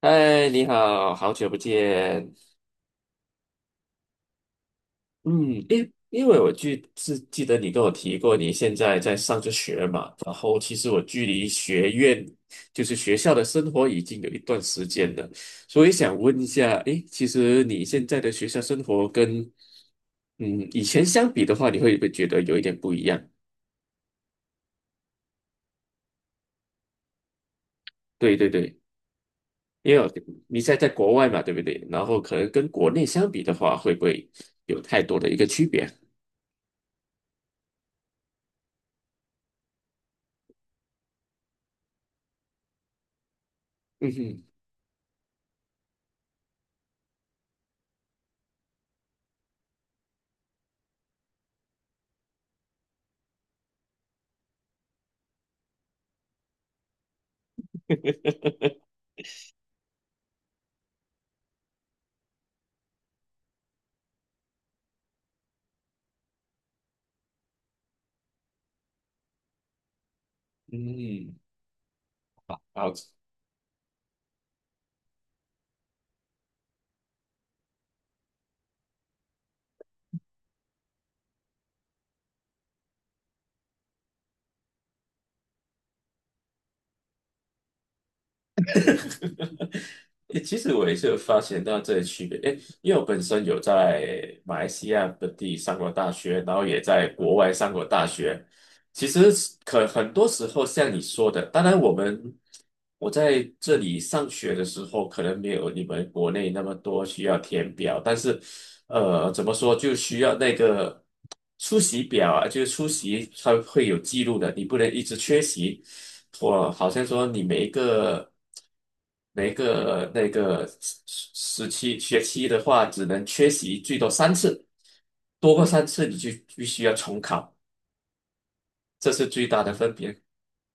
嗨，你好，好久不见。因为我记得你跟我提过，你现在在上着学嘛，然后其实我距离学院就是学校的生活已经有一段时间了，所以想问一下，诶，其实你现在的学校生活跟嗯以前相比的话，你会不会觉得有一点不一样？对对对，因为我你现在在国外嘛，对不对？然后可能跟国内相比的话，会不会有太多的一个区别？嗯哼。嗯。好。诶，其实我也是有发现到这些区别，诶，因为我本身有在马来西亚本地上过大学，然后也在国外上过大学。其实是可很多时候像你说的，当然我们我在这里上学的时候，可能没有你们国内那么多需要填表，但是怎么说，就需要那个出席表啊，就是出席它会有记录的，你不能一直缺席，我好像说你每一个那个时期学期的话，只能缺席最多三次，多过三次你就必须要重考，这是最大的分别。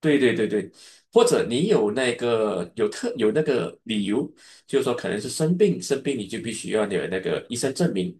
对对对对，或者你有那个有特有那个理由，就是说可能是生病，生病你就必须要有那个医生证明。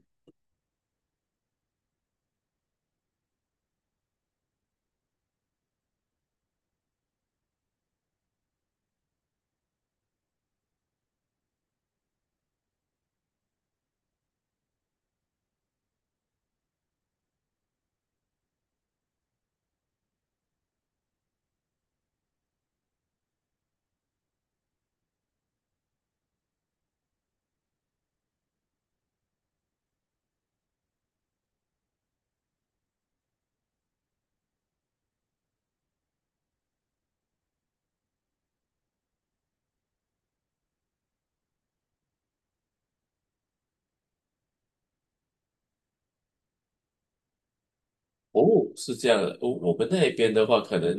哦，是这样的，我们那边的话，可能，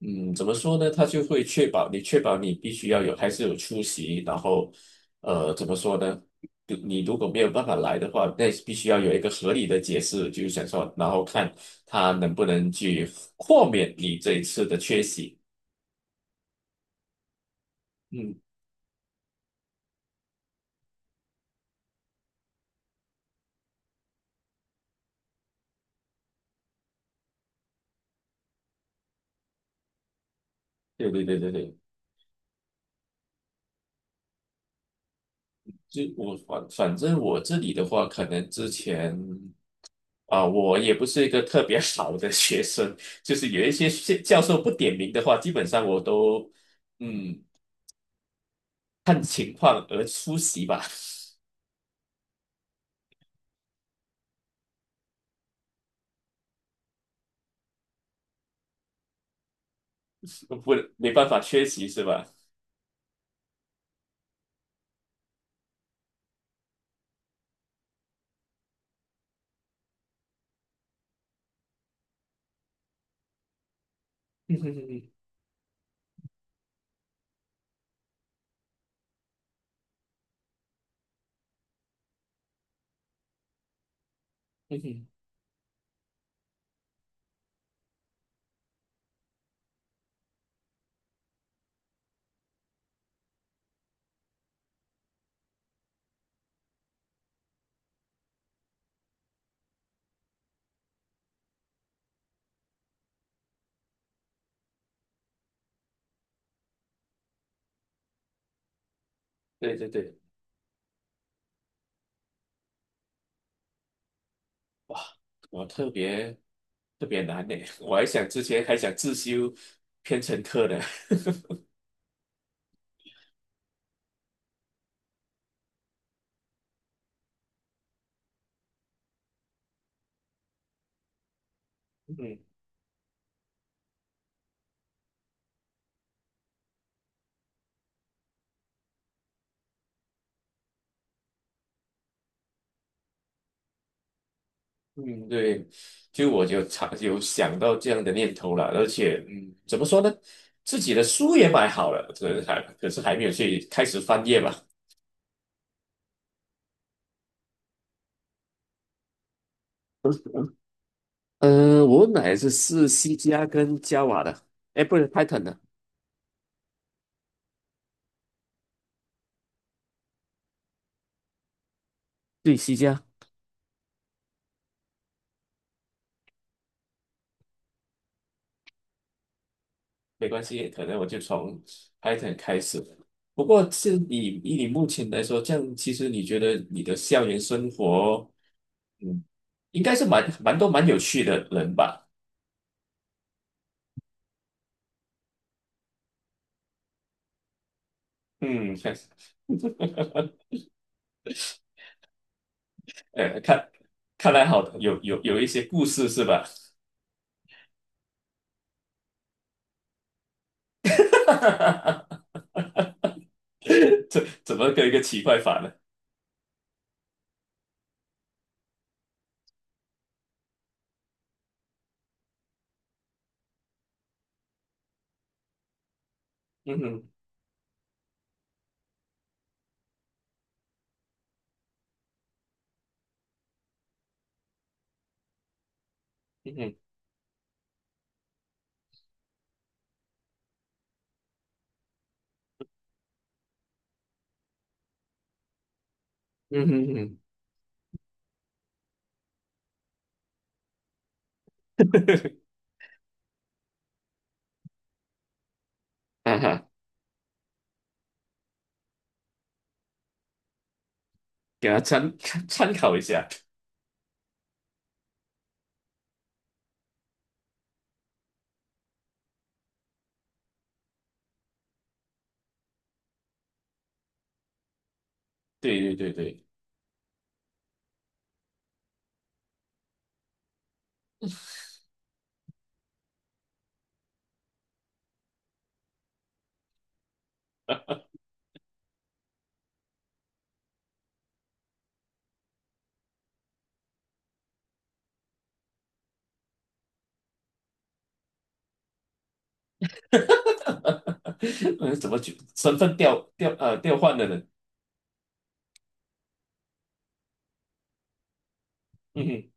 怎么说呢？他就会确保你，确保你必须要有，还是有出席。然后，怎么说呢？你你如果没有办法来的话，那必须要有一个合理的解释，就是想说，然后看他能不能去豁免你这一次的缺席。嗯。对对对对对。就我反正我这里的话，可能之前。啊、我也不是一个特别 好的学生，就是有一些是教授不点名的话，基本上我都嗯看情况而出席吧。不没办法缺席是吧？嗯哼。嗯哼。对对对。哇，我特别难呢，我还想之前还想自修编程课呢。嗯。嗯，对，就我就常有想到这样的念头了，而且，怎么说呢，自己的书也买好了，这还可是还没有去开始翻页吧。我买的是 C 加跟 Java 的，哎，不是 Python 的，对，C 加。没关系，可能我就从 Python 开始。不过是你以你目前来说，这样其实你觉得你的校园生活，嗯，应该是蛮有趣的人吧？嗯。看看来好有一些故事是吧？这怎么个一个奇怪法呢？嗯哼。嗯哼。嗯哼。嗯哼。哈哈。给他参考一下。对对对对。嗯，怎么去身份调换的人？嗯哼。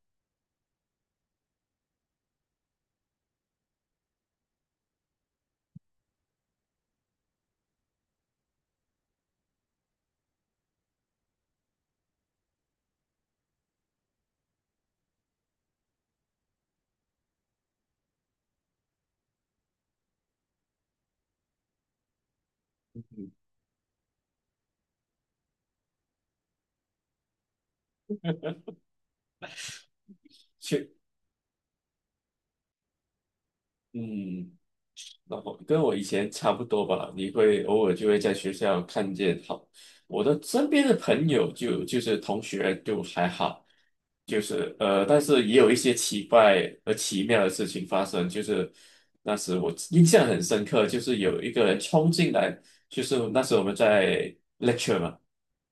嗯去嗯。然后跟我以前差不多吧，你会偶尔就会在学校看见好，我的身边的朋友就是同学就还好，就是但是也有一些奇怪而奇妙的事情发生，就是那时我印象很深刻，就是有一个人冲进来，就是那时我们在 lecture 嘛，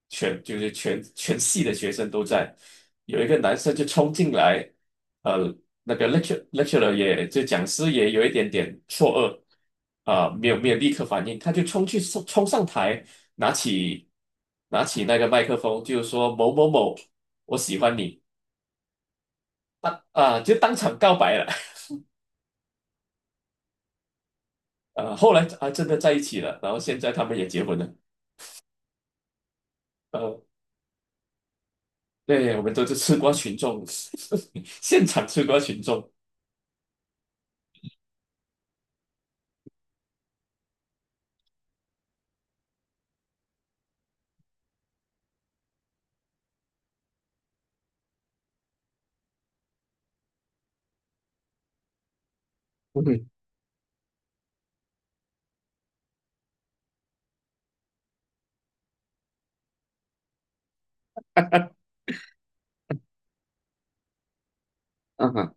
全就是全全系的学生都在，有一个男生就冲进来。呃，那个 lecturer 也就讲师也有一点点错愕啊、没有没有立刻反应，他就冲去冲冲上台，拿起拿起那个麦克风，就是说某某某，我喜欢你啊、就当场告白了。后来啊真的在一起了，然后现在他们也结婚了。呃，对，我们都是吃瓜群众。现场吃瓜群众。嗯。啊哈。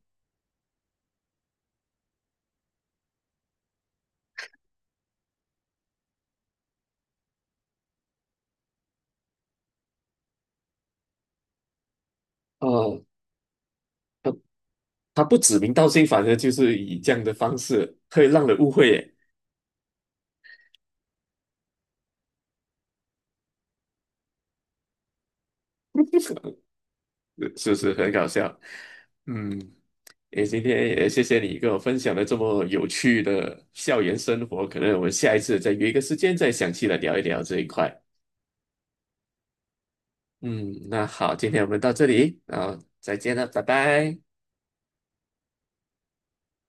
哦，他不指名道姓，反正就是以这样的方式会让人误会耶。是不是很搞笑？嗯，也今天也谢谢你跟我分享了这么有趣的校园生活，可能我们下一次再约一个时间再详细的聊一聊这一块。嗯，那好，今天我们到这里，然后再见了，拜拜。